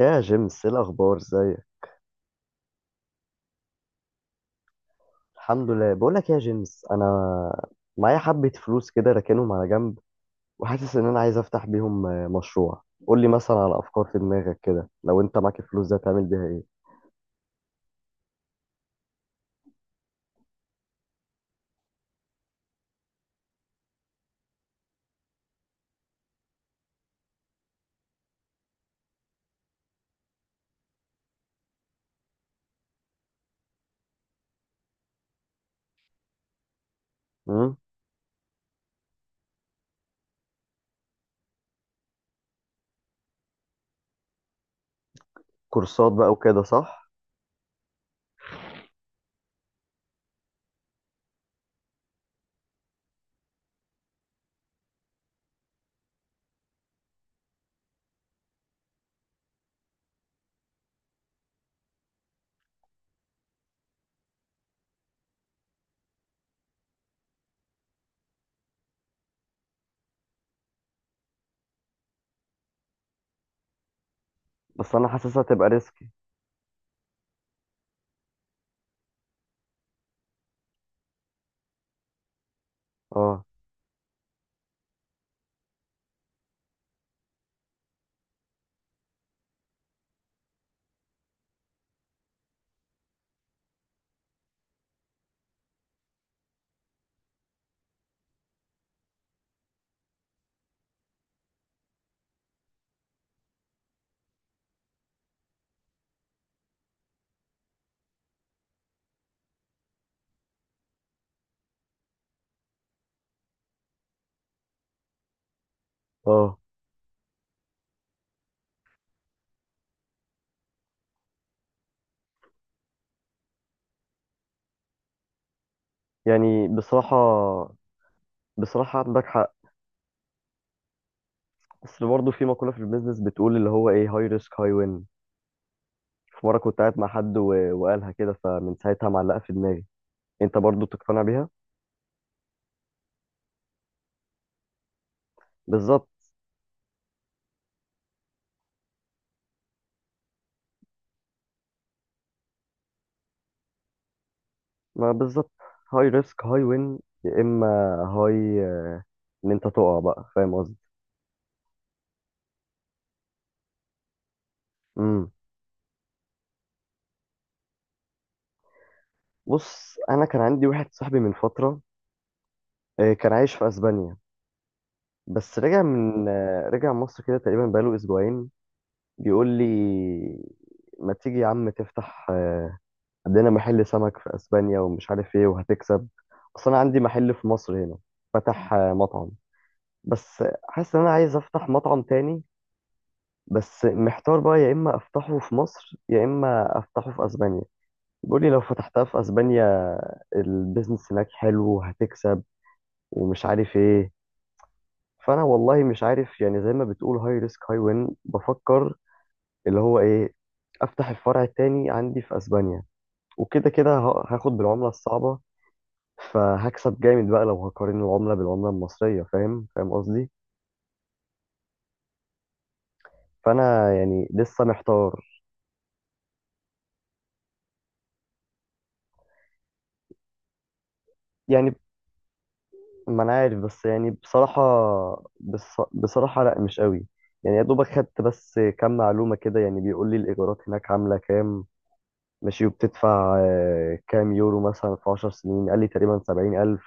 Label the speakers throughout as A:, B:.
A: يا جيمس، ايه الاخبار؟ ازيك؟ الحمد لله. بقول لك يا جيمس، انا معايا حبة فلوس كده راكنهم على جنب وحاسس ان انا عايز افتح بيهم مشروع. قول لي مثلا على افكار في دماغك، كده لو انت معاك الفلوس دي هتعمل بيها ايه؟ امم. كورسات بقى وكده، صح؟ بس انا حاسسها تبقى ريسكي. اه. اه. يعني بصراحة، بصراحة عندك حق. بس برضه في مقولة في البيزنس بتقول اللي هو ايه، هاي ريسك هاي وين. في مرة كنت قاعد مع حد و- وقالها كده، فمن ساعتها معلقة في دماغي. انت برضه تقتنع بيها. بالظبط. ما بالظبط. هاي ريسك هاي وين يا اما، هاي ان انت تقع بقى، فاهم قصدي؟ امم. بص، انا كان عندي واحد صاحبي من فتره كان عايش في اسبانيا. بس رجع من آه، رجع مصر كده، تقريبا بقاله اسبوعين. بيقول لي، ما تيجي يا عم تفتح عندنا محل سمك في اسبانيا ومش عارف ايه وهتكسب. اصل انا عندي محل في مصر هنا، فتح مطعم. بس حاسس ان انا عايز افتح مطعم تاني. بس محتار بقى، يا اما افتحه في مصر يا اما افتحه في اسبانيا. بيقول لي لو فتحتها في اسبانيا البيزنس هناك حلو وهتكسب ومش عارف ايه. فانا والله مش عارف، يعني زي ما بتقول هاي ريسك هاي وين. بفكر اللي هو ايه، افتح الفرع التاني عندي في اسبانيا وكده كده هاخد بالعملة الصعبة. فهكسب جامد بقى لو هقارن العملة بالعملة المصرية. فاهم قصدي؟ فانا يعني لسه محتار. يعني، ما انا عارف بس يعني بصراحة. بصراحة لا، مش قوي. يعني يا دوبك خدت بس كام معلومة كده. يعني بيقول لي الإيجارات هناك عاملة كام، ماشي. وبتدفع كام يورو مثلا في 10 سنين؟ قال لي تقريبا 70,000.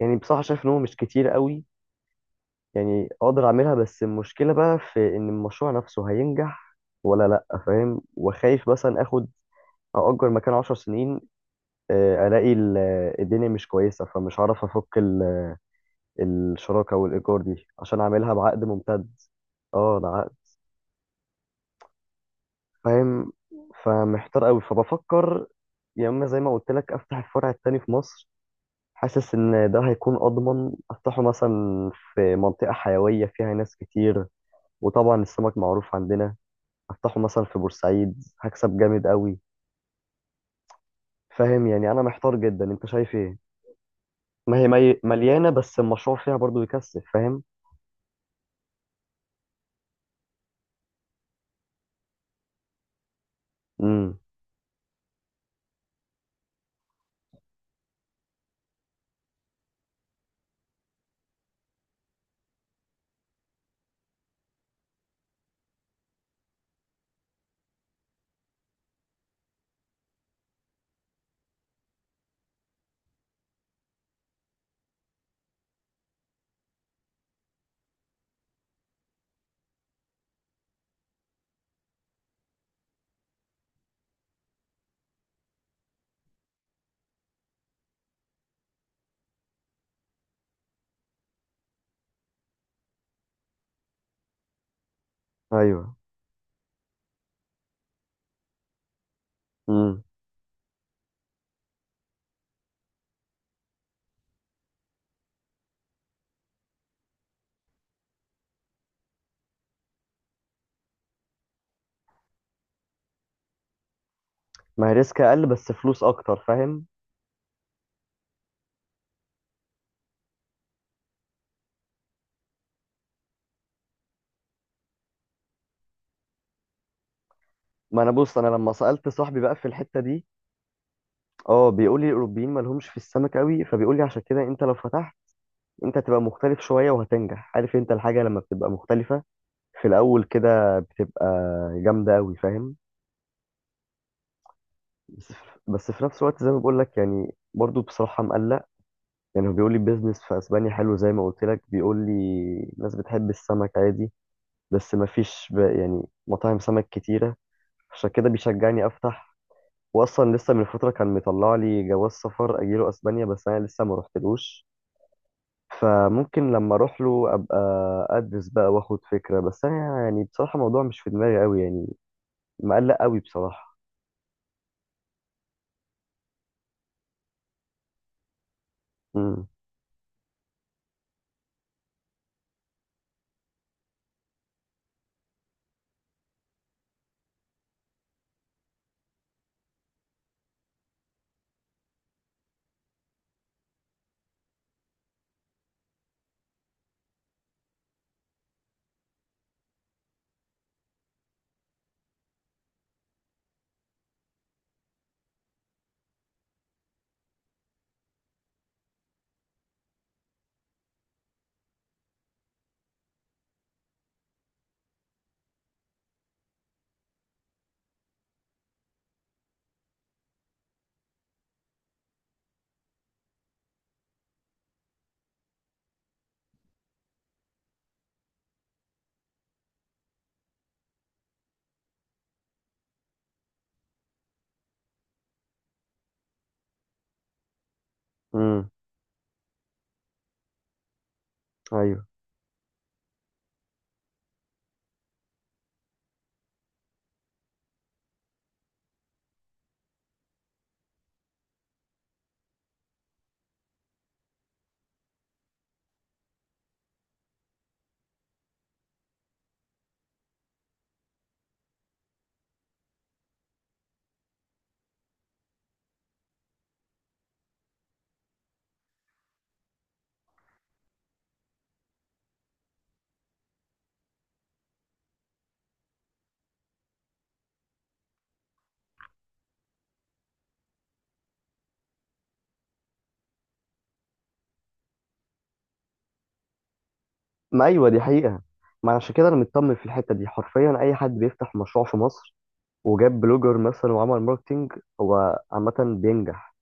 A: يعني بصراحة شايف إن هو مش كتير قوي. يعني أقدر أعملها، بس المشكلة بقى في إن المشروع نفسه هينجح ولا لأ، فاهم؟ وخايف مثلا آخد، أأجر مكان 10 سنين ألاقي الدنيا مش كويسة فمش هعرف أفك الشراكة والإيجار دي، عشان أعملها بعقد ممتد. اه، ده عقد. فاهم. فمحتار قوي، فبفكر يا إما زي ما قلت لك أفتح الفرع التاني في مصر. حاسس إن ده هيكون أضمن، أفتحه مثلا في منطقة حيوية فيها ناس كتير. وطبعا السمك معروف عندنا. أفتحه مثلا في بورسعيد هكسب جامد قوي. فاهم؟ يعني أنا محتار جدا، أنت شايف إيه؟ ما هي مليانة بس المشروع فيها برضو بيكسب، فاهم؟ امم. أيوه. امم. ما هي ريسك أقل بس فلوس أكتر، فاهم؟ ما انا بص، انا لما سالت صاحبي بقى في الحته دي. اه، بيقول لي الاوروبيين ما لهمش في السمك قوي، فبيقول لي عشان كده انت لو فتحت، انت هتبقى مختلف شويه وهتنجح. عارف انت الحاجه لما بتبقى مختلفه في الاول كده بتبقى جامده قوي، فاهم؟ بس في نفس الوقت زي ما بقول لك، يعني برضو بصراحه مقلق. يعني هو بيقول لي البيزنس في اسبانيا حلو، زي ما قلت لك، بيقول لي الناس بتحب السمك عادي. بس ما فيش يعني مطاعم سمك كتيره، عشان كده بيشجعني افتح. واصلا لسه من فتره كان مطلع لي جواز سفر اجيله اسبانيا، بس انا لسه ما رحتلوش. فممكن لما اروح له ابقى ادرس بقى واخد فكره. بس انا يعني بصراحه الموضوع مش في دماغي قوي، يعني مقلق قوي بصراحه. امم. امم. ايوه. ما ايوه، دي حقيقه. ما عشان كده انا مطمن في الحته دي، حرفيا اي حد بيفتح مشروع في مصر وجاب بلوجر مثلا وعمل ماركتينج، هو عامه بينجح.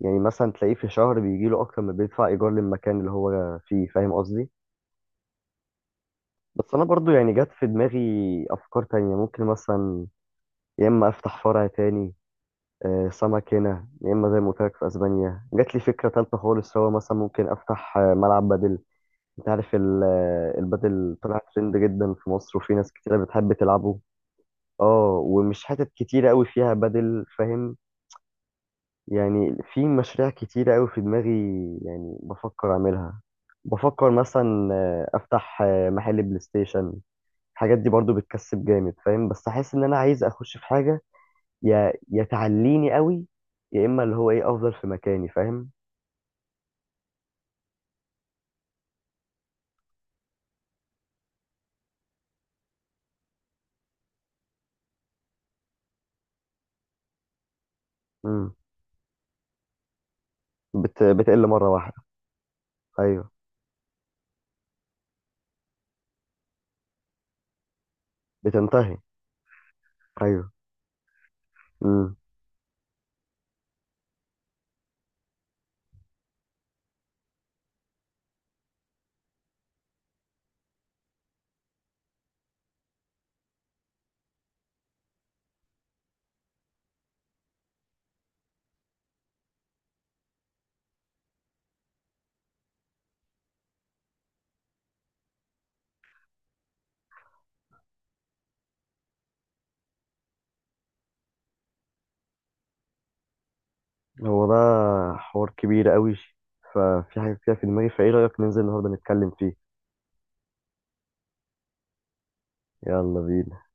A: يعني مثلا تلاقيه في شهر بيجيله اكتر ما بيدفع ايجار للمكان اللي هو فيه، فاهم قصدي؟ بس انا برضو يعني جت في دماغي افكار تانية، ممكن مثلا يا اما افتح فرع تاني سمك هنا، يا اما زي ما قلت لك في اسبانيا. جات لي فكره تالتة خالص. هو مثلا ممكن افتح ملعب بدل. انت عارف البدل طلع ترند جدا في مصر وفي ناس كتيره بتحب تلعبه. اه، ومش حتت كتيره قوي فيها بدل، فاهم؟ يعني في مشاريع كتيره قوي في دماغي، يعني بفكر اعملها. بفكر مثلا افتح محل بلاي ستيشن. الحاجات دي برضو بتكسب جامد، فاهم؟ بس احس ان انا عايز اخش في حاجه يا تعليني قوي، يا اما اللي هو ايه افضل في مكاني، فاهم؟ امم. بتقل مره واحده. ايوه. بتنتهي. ايوه. امم. هو ده حوار كبير قوي، ففي حاجه كده في دماغي، فايه رايك ننزل النهارده نتكلم فيه؟ يلا بينا.